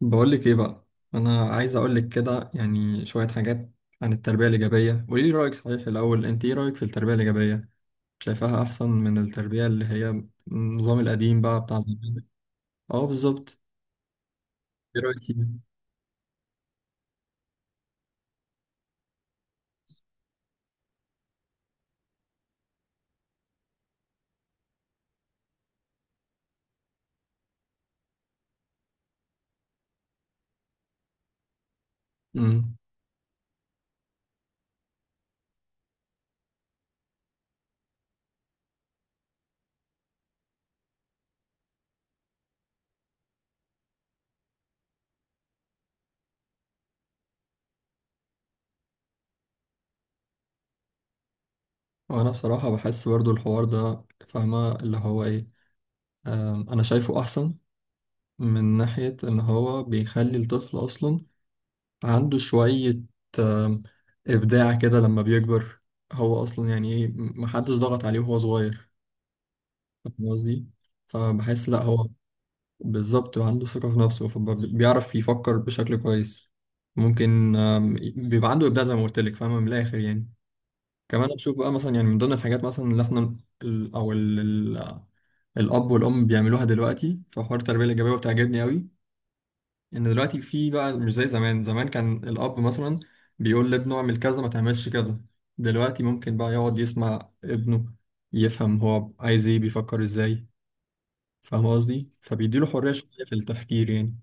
بقولك ايه بقى. انا عايز اقولك كده، يعني شوية حاجات عن التربية الإيجابية. قوليلي رأيك، صحيح الأول انت ايه رأيك في التربية الإيجابية؟ شايفاها احسن من التربية اللي هي النظام القديم بقى بتاع زمان. اه، بالظبط. ايه رأيك فيها؟ امم وانا بصراحة بحس برضو الحوار ده، فاهمة اللي هو ايه. انا شايفه احسن من ناحية ان هو بيخلي الطفل اصلا عنده شوية آم، ابداع كده لما بيكبر. هو اصلا يعني ايه، محدش ضغط عليه وهو صغير، فاهم قصدي؟ فبحس لا، هو بالظبط عنده ثقة في نفسه، فبيعرف يفكر بشكل كويس. ممكن بيبقى عنده إبداع زي ما قلت لك، فاهمة، من الآخر يعني. كمان بشوف بقى مثلا، يعني من ضمن الحاجات مثلا اللي احنا ال- أو ال- ال- الأب والأم بيعملوها دلوقتي في حوار التربية الإيجابية، وبتعجبني قوي إن دلوقتي في بقى، مش زي زمان. زمان كان الأب مثلا بيقول لابنه اعمل كذا ما تعملش كذا، دلوقتي ممكن بقى يقعد يسمع ابنه، يفهم هو عايز ايه، بيفكر ازاي، فاهم قصدي؟ فبيديله حرية شوية في التفكير يعني.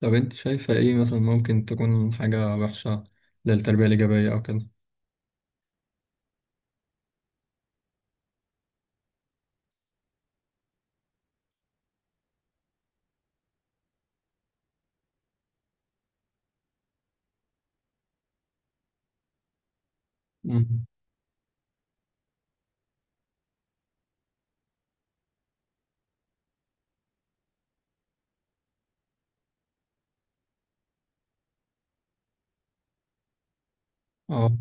طب انت شايفة ايه مثلا ممكن تكون حاجة وحشة للتربية الإيجابية أو كده؟ مم. اه،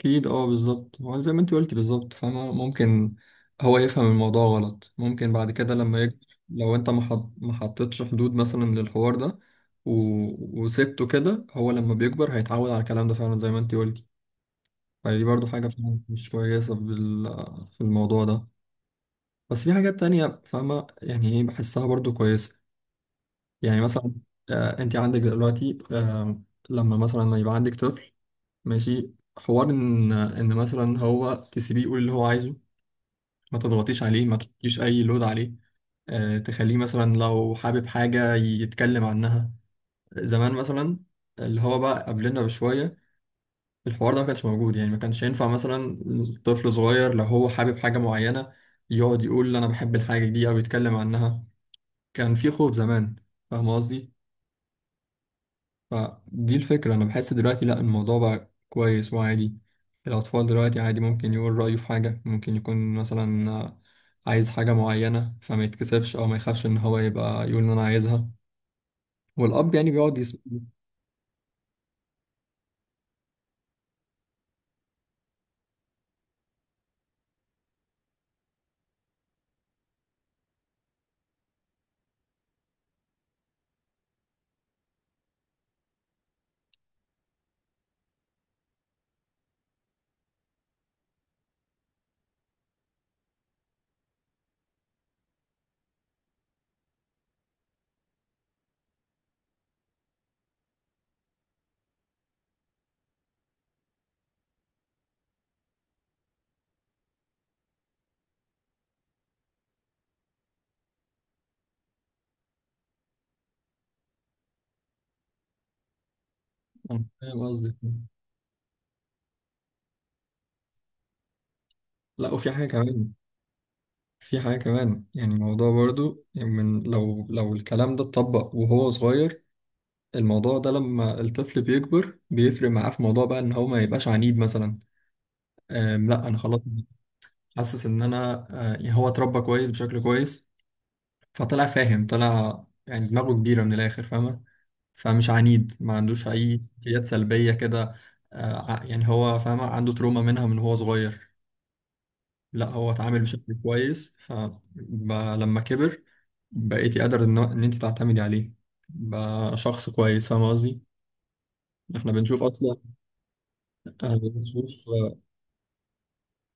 أكيد، اه بالظبط، هو زي ما انت قلتي بالظبط فاهمة. ممكن هو يفهم الموضوع غلط، ممكن بعد كده لما يكبر، لو انت ما حطيتش حدود مثلا للحوار ده و... وسبته كده، هو لما بيكبر هيتعود على الكلام ده فعلا زي ما انت قلتي. فدي برضو حاجة فعلا مش كويسة في في الموضوع ده. بس في حاجات تانية فاهمة يعني ايه، بحسها برضو كويسة. يعني مثلا، انت عندك دلوقتي، لما مثلا يبقى عندك طفل ماشي، حوار ان مثلا هو تسيبيه يقول اللي هو عايزه، ما تضغطيش عليه، ما تحطيش اي لود عليه. آه تخليه مثلا لو حابب حاجة يتكلم عنها. زمان مثلا اللي هو بقى قبلنا بشوية، الحوار ده ما كانش موجود، يعني ما كانش ينفع مثلا طفل صغير لو هو حابب حاجة معينة يقعد يقول انا بحب الحاجة دي او يتكلم عنها. كان في خوف زمان، فاهم قصدي؟ فدي الفكرة، أنا بحس دلوقتي لأ، الموضوع بقى كويس وعادي. الأطفال دلوقتي عادي ممكن يقول رأيه في حاجة، ممكن يكون مثلا عايز حاجة معينة، فما يتكسفش أو ما يخافش إن هو يبقى يقول إن أنا عايزها، والأب يعني بيقعد يسمع. أنا فاهم قصدي. لأ، وفي حاجة كمان. يعني الموضوع برضو يعني، من لو الكلام ده اتطبق وهو صغير، الموضوع ده لما الطفل بيكبر بيفرق معاه في موضوع بقى إن هو ما يبقاش عنيد مثلا. لا، انا خلاص حاسس ان انا يعني هو اتربى كويس بشكل كويس، فطلع فاهم، طلع يعني دماغه كبيره من الاخر فاهمه، فمش عنيد، ما عندوش اي سلوكيات سلبيه كده. يعني هو فاهمه عنده تروما منها من هو صغير، لا، هو اتعامل بشكل كويس، فلما كبر بقيتي قادر ان انت تعتمدي عليه، بقى شخص كويس، فاهمه قصدي؟ احنا بنشوف اصلا احنا بنشوف آه،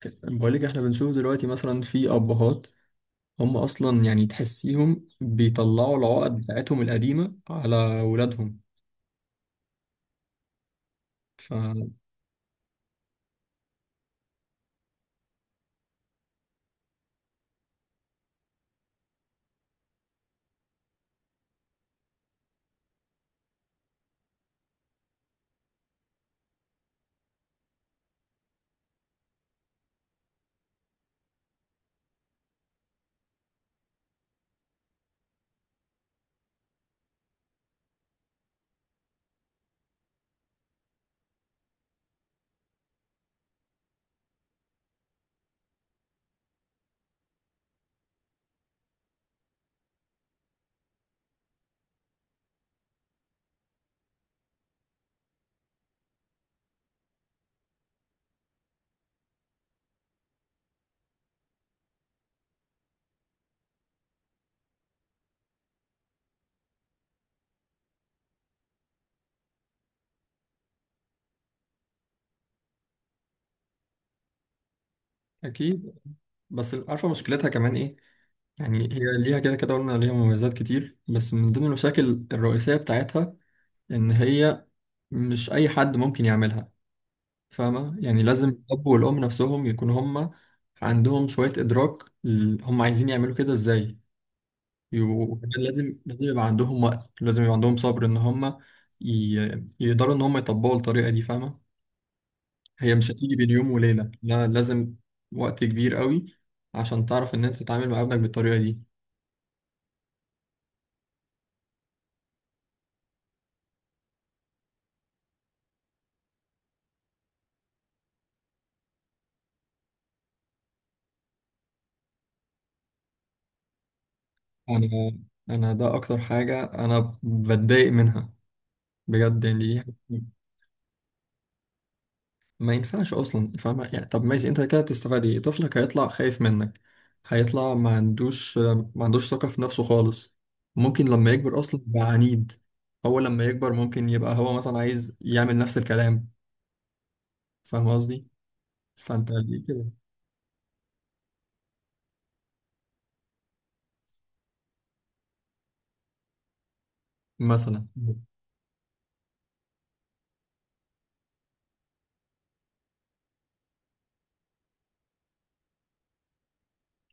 بقول لك، احنا بنشوف دلوقتي مثلا في ابهات هم اصلا يعني تحسيهم بيطلعوا العقد بتاعتهم القديمه على ولادهم، فاكيد. بس عارفه مشكلتها كمان ايه؟ يعني هي ليها كده كده، قلنا ليها مميزات كتير، بس من ضمن المشاكل الرئيسيه بتاعتها ان هي مش اي حد ممكن يعملها، فاهمه؟ يعني لازم الاب والام نفسهم يكون هم عندهم شويه ادراك، هم عايزين يعملوا كده ازاي. وكمان لازم لازم يبقى عندهم وقت، لازم يبقى عندهم صبر ان هم ي... يقدروا ان هم يطبقوا الطريقة دي، فاهمة، هي مش هتيجي بين يوم وليلة، لا، لازم وقت كبير قوي عشان تعرف ان انت تتعامل مع ابنك بالطريقة دي. انا انا ده اكتر حاجة انا بتضايق منها بجد، يعني دي ما ينفعش اصلا، فاهمة يعني؟ طب ماشي، انت كده تستفاد ايه؟ طفلك هيطلع خايف منك، هيطلع ما عندوش ثقة في نفسه خالص. ممكن لما يكبر اصلا يبقى عنيد. هو لما يكبر ممكن يبقى هو مثلا عايز يعمل نفس الكلام، فاهم قصدي؟ فانت ليه كده؟ مثلا.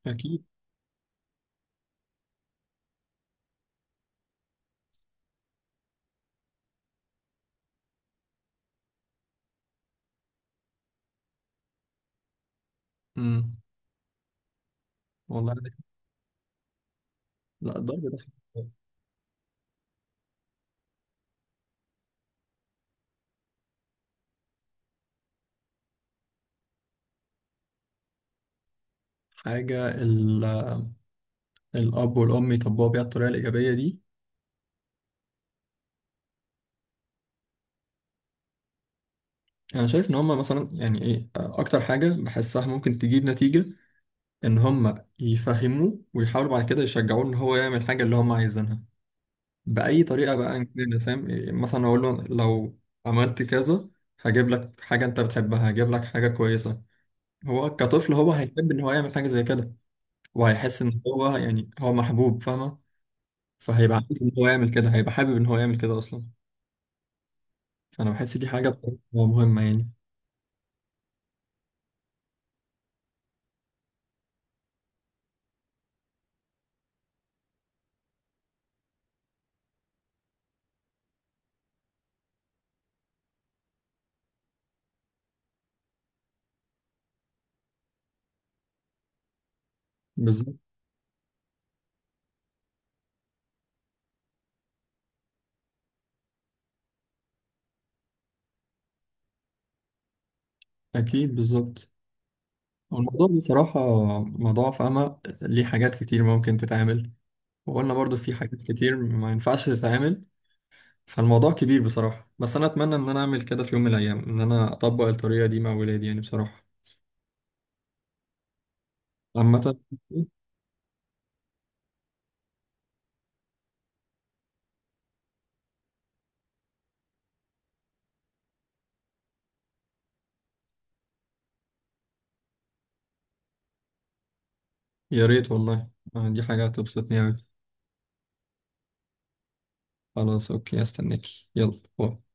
اكيد. امم والله. لا، الضرب ده حاجة. الاب والام يطبقوا بيها الطريقة الإيجابية دي. انا شايف ان هما مثلا، يعني ايه، اكتر حاجة بحسها ممكن تجيب نتيجة ان هم يفهموه ويحاولوا بعد كده يشجعوه ان هو يعمل الحاجه اللي هم عايزينها باي طريقه بقى، إن كان فاهم إيه، مثلا اقول له لو عملت كذا هجيب لك حاجه انت بتحبها، هجيب لك حاجه كويسه. هو كطفل هو هيحب ان هو يعمل حاجه زي كده، وهيحس ان هو يعني هو محبوب، فاهمه، فهيبقى عايز ان هو يعمل كده، هيبقى حابب ان هو يعمل كده اصلا. فانا بحس دي حاجه بصراحة مهمه يعني. بالظبط. اكيد بالظبط. الموضوع بصراحه موضوع فاهمه، ليه حاجات كتير ممكن تتعمل، وقلنا برضو في حاجات كتير ما ينفعش تتعمل. فالموضوع كبير بصراحة، بس أنا أتمنى إن أنا أعمل كده في يوم من الأيام، إن أنا أطبق الطريقة دي مع ولادي يعني بصراحة. عامة. يا ريت والله. دي حاجة هتبسطني أوي. خلاص، أوكي، أستناكي، يلا باي.